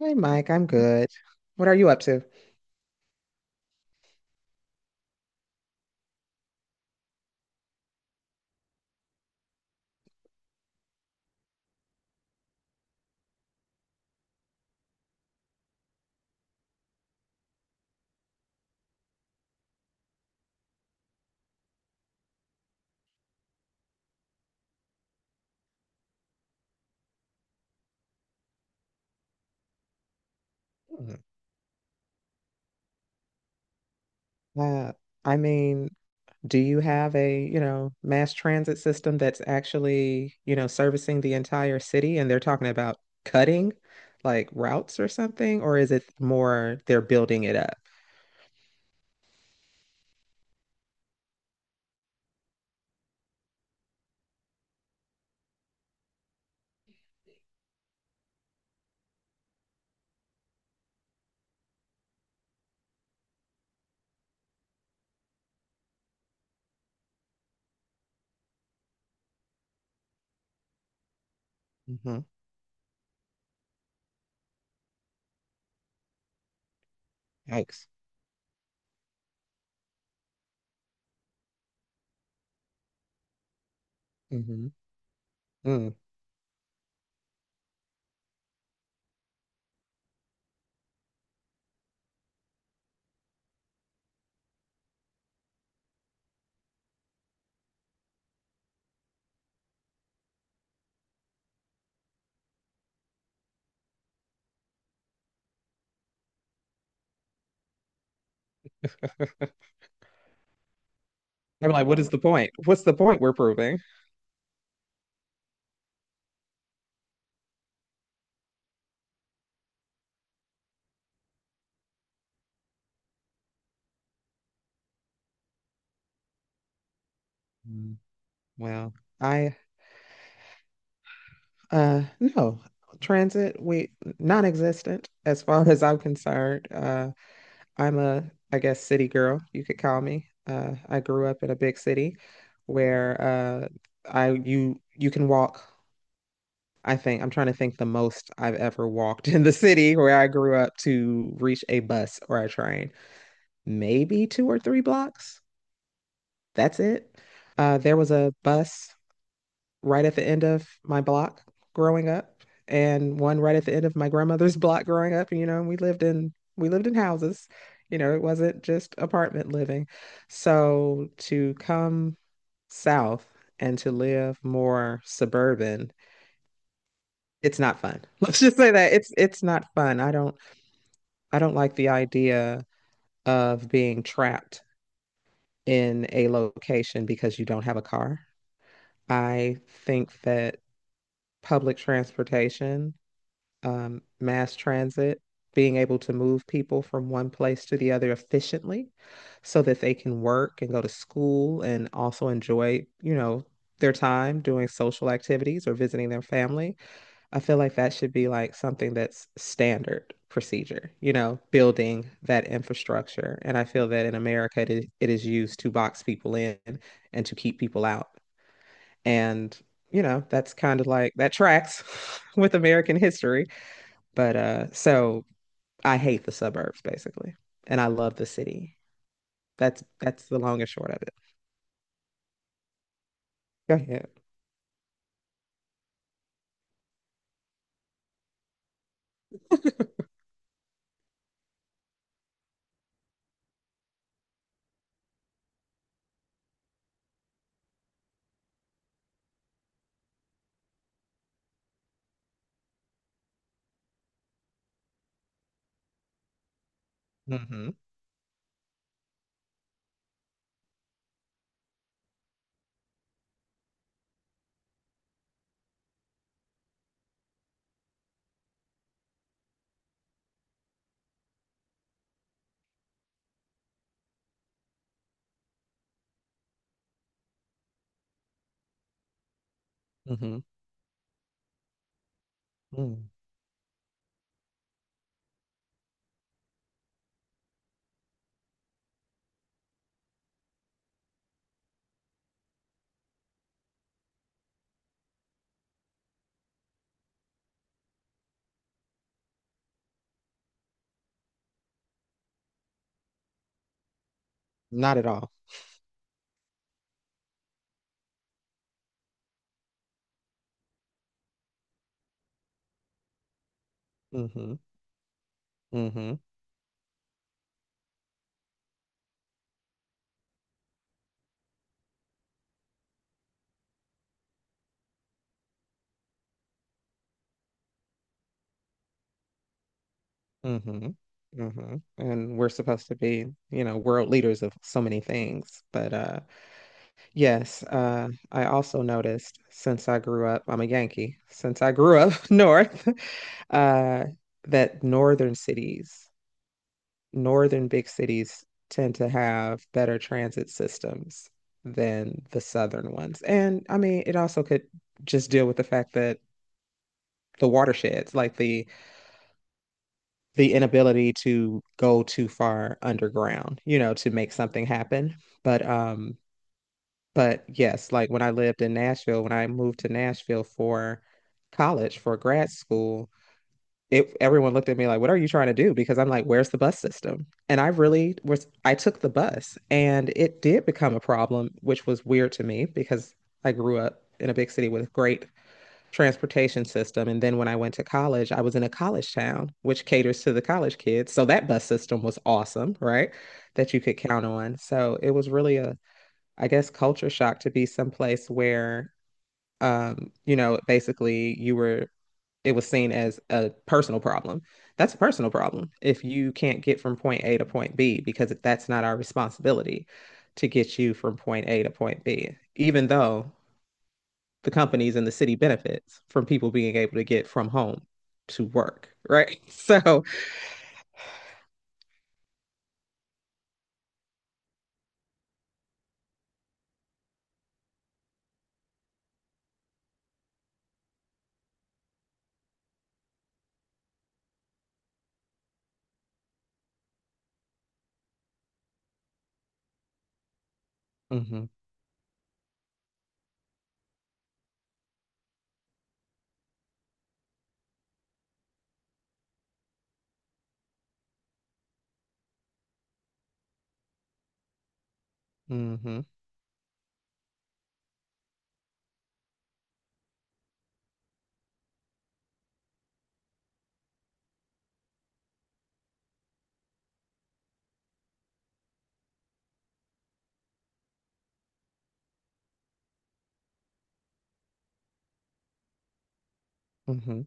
Hey Mike, I'm good. What are you up to? Mm. Uh, I mean, do you have a, you know, mass transit system that's actually, you know, servicing the entire city and they're talking about cutting like routes or something, or is it more they're building it up? Mm-hmm. Yikes. Mm-hmm. Mm. I'm like, what is the point? What's the point we're proving? Mm. Well, I no. Transit, we non-existent as far as I'm concerned. I'm a, I guess, city girl, you could call me. I grew up in a big city where I you can walk. I think I'm trying to think the most I've ever walked in the city where I grew up to reach a bus or a train, maybe two or three blocks. That's it. There was a bus right at the end of my block growing up and one right at the end of my grandmother's block growing up. You know, and we lived in houses. You know, it wasn't just apartment living. So to come south and to live more suburban, it's not fun. Let's just say that it's not fun. I don't like the idea of being trapped in a location because you don't have a car. I think that public transportation, mass transit, being able to move people from one place to the other efficiently so that they can work and go to school and also enjoy, you know, their time doing social activities or visiting their family. I feel like that should be like something that's standard procedure, you know, building that infrastructure. And I feel that in America, it is used to box people in and to keep people out. And, you know, that's kind of like that tracks with American history. But so I hate the suburbs basically, and I love the city. That's the long and short of it. Go ahead. Hmm. Hmm. Mm. Not at all. Hmm. Hmm. Hmm. Hmm. And we're supposed to be, you know, world leaders of so many things. But yes, I also noticed since I grew up, I'm a Yankee, since I grew up north, uh that northern big cities tend to have better transit systems than the southern ones. And I mean, it also could just deal with the fact that the watersheds, like the inability to go too far underground, you know, to make something happen. But um but yes, like when I lived in Nashville, when I moved to Nashville for college, for grad school, it everyone looked at me like, what are you trying to do? Because I'm like, where's the bus system? And I really was I took the bus and it did become a problem, which was weird to me because I grew up in a big city with a great transportation system. And then when I went to college, I was in a college town, which caters to the college kids. So that bus system was awesome, right? That you could count on. So it was really a, I guess, culture shock to be someplace where, you know, basically you were it was seen as a personal problem. That's a personal problem if you can't get from point A to point B, because that's not our responsibility to get you from point A to point B, even though the companies and the city benefits from people being able to get from home to work, right? So, mm hmm mm hmm mm hmm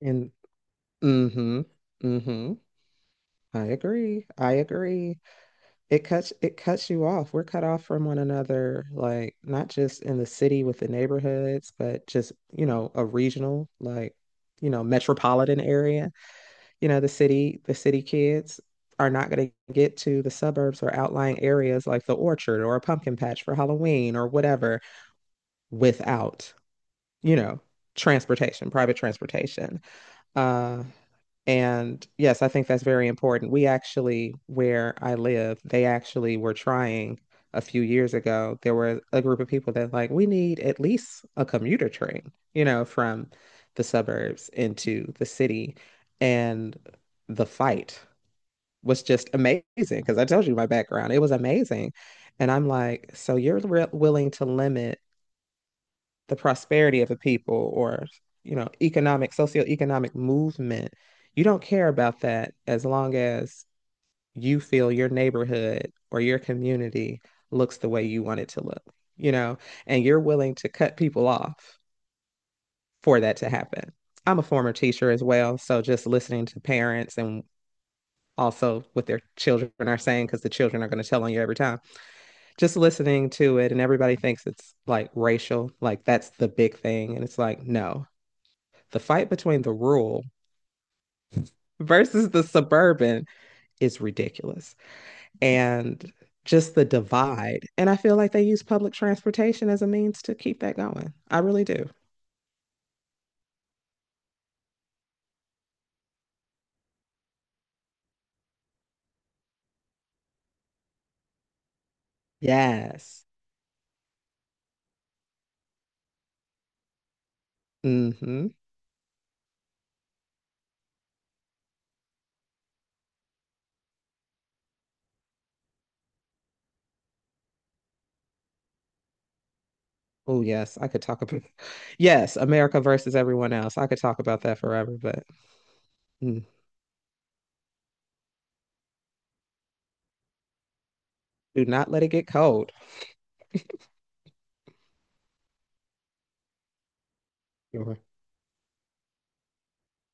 and mm hmm mm hmm I agree. I agree. It cuts you off. We're cut off from one another, like not just in the city with the neighborhoods, but just, you know, a regional, like, you know, metropolitan area. You know, the city kids are not going to get to the suburbs or outlying areas like the orchard or a pumpkin patch for Halloween or whatever without, you know, transportation, private transportation. Uh, and yes, I think that's very important. We actually, where I live, they actually were trying a few years ago. There were a group of people that like, we need at least a commuter train, you know, from the suburbs into the city. And the fight was just amazing because I told you my background. It was amazing. And I'm like, so you're re willing to limit the prosperity of a people, or, you know, economic socioeconomic movement, you don't care about that as long as you feel your neighborhood or your community looks the way you want it to look, you know, and you're willing to cut people off for that to happen. I'm a former teacher as well, so just listening to parents and also what their children are saying, because the children are going to tell on you every time, just listening to it, and everybody thinks it's like racial, like that's the big thing, and it's like, no, the fight between the rural versus the suburban is ridiculous. And just the divide. And I feel like they use public transportation as a means to keep that going. I really do. Yes. Mm-hmm. Oh, yes. I could talk about, yes, America versus everyone else. I could talk about that forever, but mm, do not let it get cold. Sure.